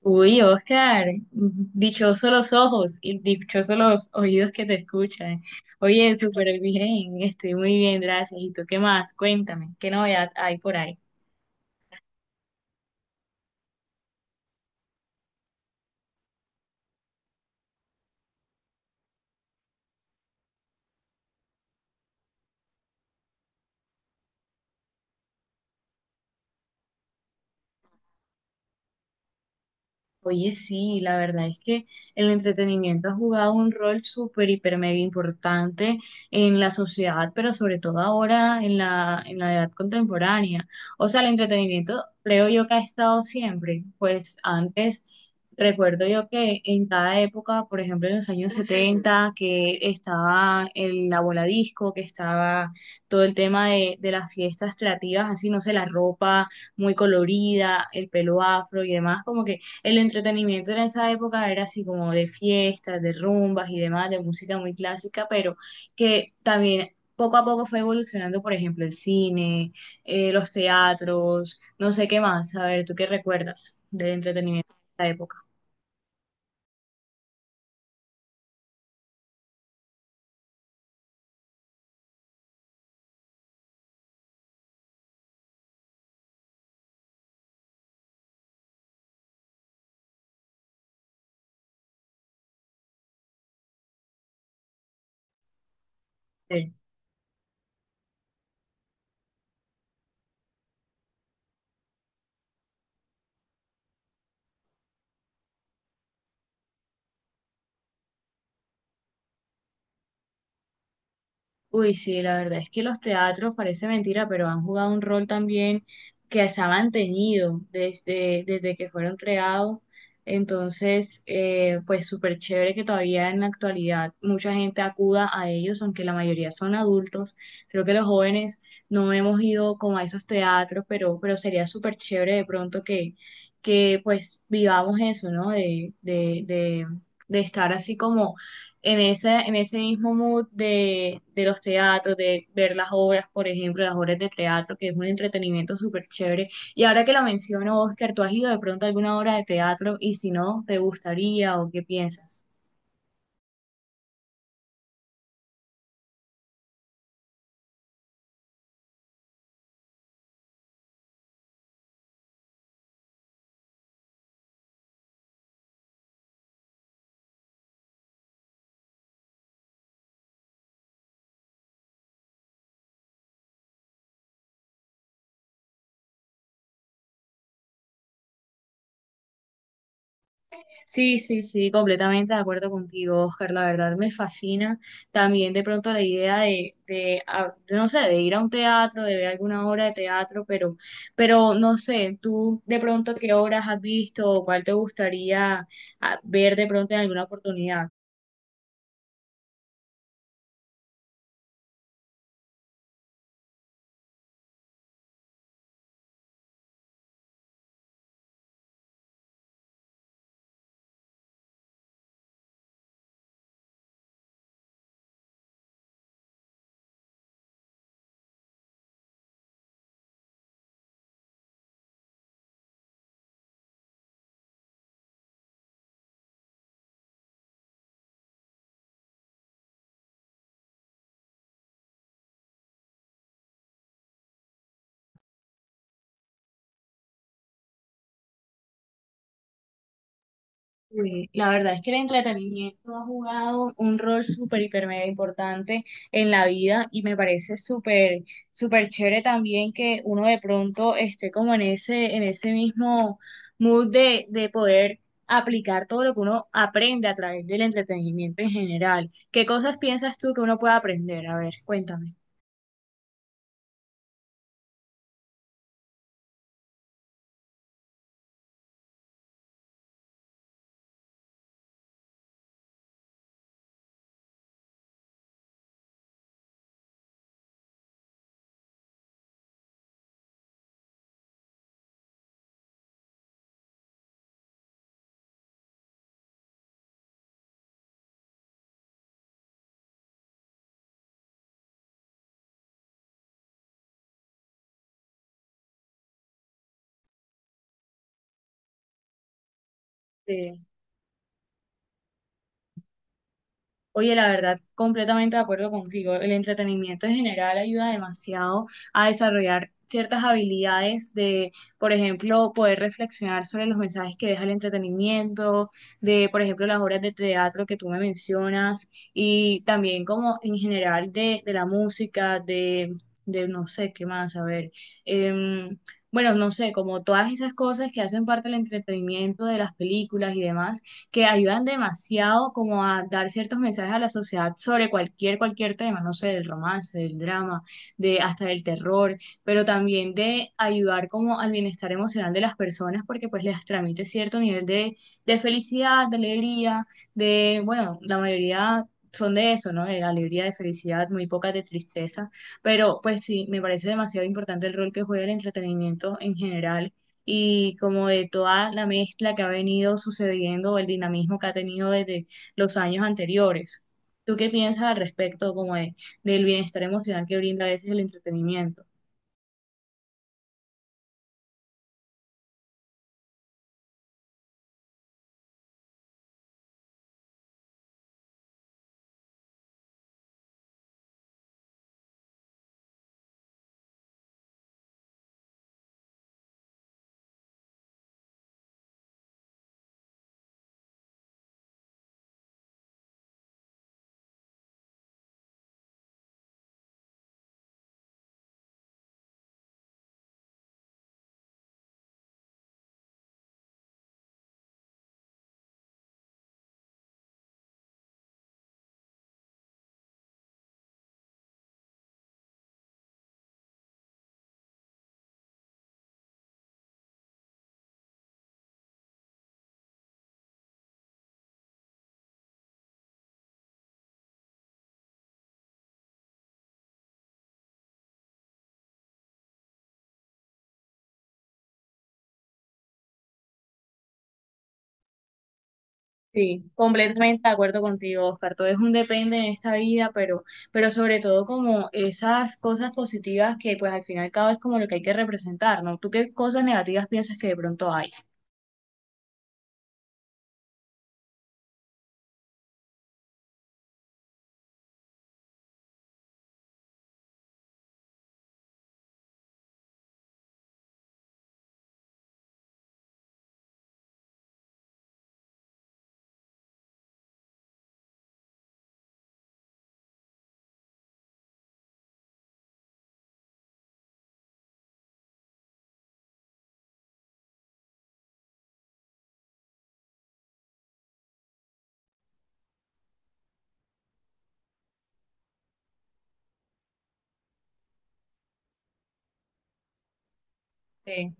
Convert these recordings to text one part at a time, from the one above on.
Uy, Oscar, dichosos los ojos y dichosos los oídos que te escuchan. Oye, súper bien, estoy muy bien, gracias. ¿Y tú qué más? Cuéntame, ¿qué novedad hay por ahí? Oye, sí, la verdad es que el entretenimiento ha jugado un rol súper, hiper, mega importante en la sociedad, pero sobre todo ahora en la edad contemporánea. O sea, el entretenimiento creo yo que ha estado siempre. Pues antes, recuerdo yo que en cada época, por ejemplo, en los años 70 que estaba la bola disco, que estaba todo el tema de las fiestas creativas, así, no sé, la ropa muy colorida, el pelo afro y demás, como el entretenimiento en esa época era así como de fiestas, de rumbas y demás, de música muy clásica, pero que también poco a poco fue evolucionando, por ejemplo, el cine, los teatros, no sé qué más. A ver, ¿tú qué recuerdas del entretenimiento de esa época? Uy, sí, la verdad es que los teatros, parece mentira, pero han jugado un rol también que se ha mantenido desde que fueron creados. Entonces, pues súper chévere que todavía en la actualidad mucha gente acuda a ellos, aunque la mayoría son adultos. Creo que los jóvenes no hemos ido como a esos teatros, pero sería súper chévere de pronto que pues vivamos eso, ¿no? De estar así como en ese mismo mood de los teatros, de ver las obras, por ejemplo, las obras de teatro, que es un entretenimiento súper chévere. Y ahora que lo menciono, Oscar, ¿tú has ido de pronto a alguna obra de teatro? Y si no, ¿te gustaría o qué piensas? Sí, sí, sí, completamente de acuerdo contigo, Oscar. La verdad me fascina también de pronto la idea no sé, de ir a un teatro, de ver alguna obra de teatro, pero no sé, tú de pronto qué obras has visto o cuál te gustaría ver de pronto en alguna oportunidad. Uy, la verdad es que el entretenimiento ha jugado un rol súper, hiper, mega importante en la vida y me parece súper, súper chévere también que uno de pronto esté como en en ese mismo mood de poder aplicar todo lo que uno aprende a través del entretenimiento en general. ¿Qué cosas piensas tú que uno puede aprender? A ver, cuéntame. Oye, la verdad, completamente de acuerdo contigo. El entretenimiento en general ayuda demasiado a desarrollar ciertas habilidades de, por ejemplo, poder reflexionar sobre los mensajes que deja el entretenimiento, de, por ejemplo, las obras de teatro que tú me mencionas, y también como en general de la música, de no sé qué más, a ver. em, bueno, no sé, como todas esas cosas que hacen parte del entretenimiento de las películas y demás que ayudan demasiado como a dar ciertos mensajes a la sociedad sobre cualquier, cualquier tema, no sé, del romance, del drama, de hasta del terror, pero también de ayudar como al bienestar emocional de las personas porque pues les transmite cierto nivel de felicidad, de alegría, de, bueno, la mayoría... Son de eso, ¿no? De alegría, de felicidad, muy pocas de tristeza. Pero pues sí, me parece demasiado importante el rol que juega el entretenimiento en general y como de toda la mezcla que ha venido sucediendo, el dinamismo que ha tenido desde los años anteriores. ¿Tú qué piensas al respecto como del bienestar emocional que brinda a veces el entretenimiento? Sí, completamente de acuerdo contigo, Oscar. Todo es un depende en esta vida, pero sobre todo como esas cosas positivas que pues al final y al cabo es como lo que hay que representar, ¿no? ¿Tú qué cosas negativas piensas que de pronto hay? Sí.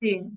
Sí.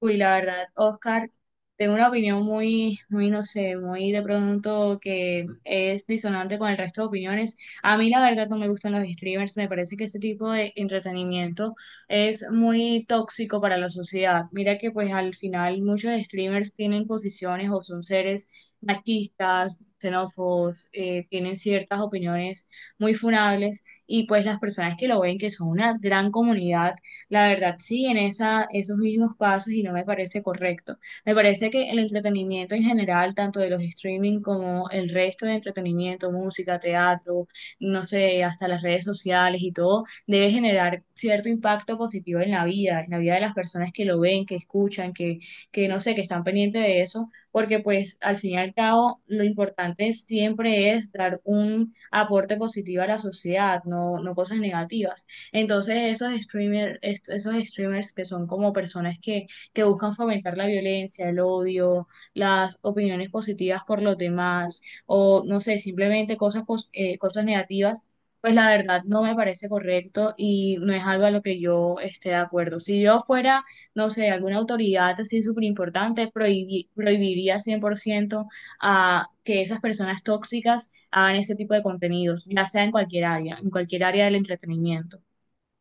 Uy, la verdad, Oscar, tengo una opinión muy, muy, no sé, muy de pronto que es disonante con el resto de opiniones. A mí la verdad no me gustan los streamers, me parece que ese tipo de entretenimiento es muy tóxico para la sociedad. Mira que pues al final muchos streamers tienen posiciones o son seres machistas, xenófobos, tienen ciertas opiniones muy funables y pues las personas que lo ven, que son una gran comunidad la verdad, sí, en esos mismos pasos y no me parece correcto. Me parece que el entretenimiento en general, tanto de los streaming como el resto de entretenimiento, música, teatro, no sé, hasta las redes sociales y todo, debe generar cierto impacto positivo en la vida de las personas que lo ven, que escuchan, que no sé, que están pendientes de eso, porque pues al fin y al cabo lo importante siempre es dar un aporte positivo a la sociedad, no, no cosas negativas. Entonces, esos streamers que son como personas que buscan fomentar la violencia, el odio, las opiniones positivas por los demás, o no sé, simplemente cosas negativas, pues la verdad no me parece correcto y no es algo a lo que yo esté de acuerdo. Si yo fuera, no sé, alguna autoridad así súper importante, prohibiría 100% a que esas personas tóxicas hagan ese tipo de contenidos, ya sea en cualquier área del entretenimiento.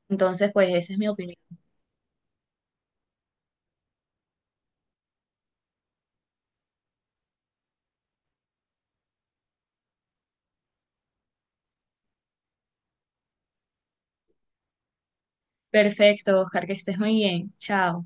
Entonces, pues esa es mi opinión. Perfecto, Oscar, que estés muy bien. Chao.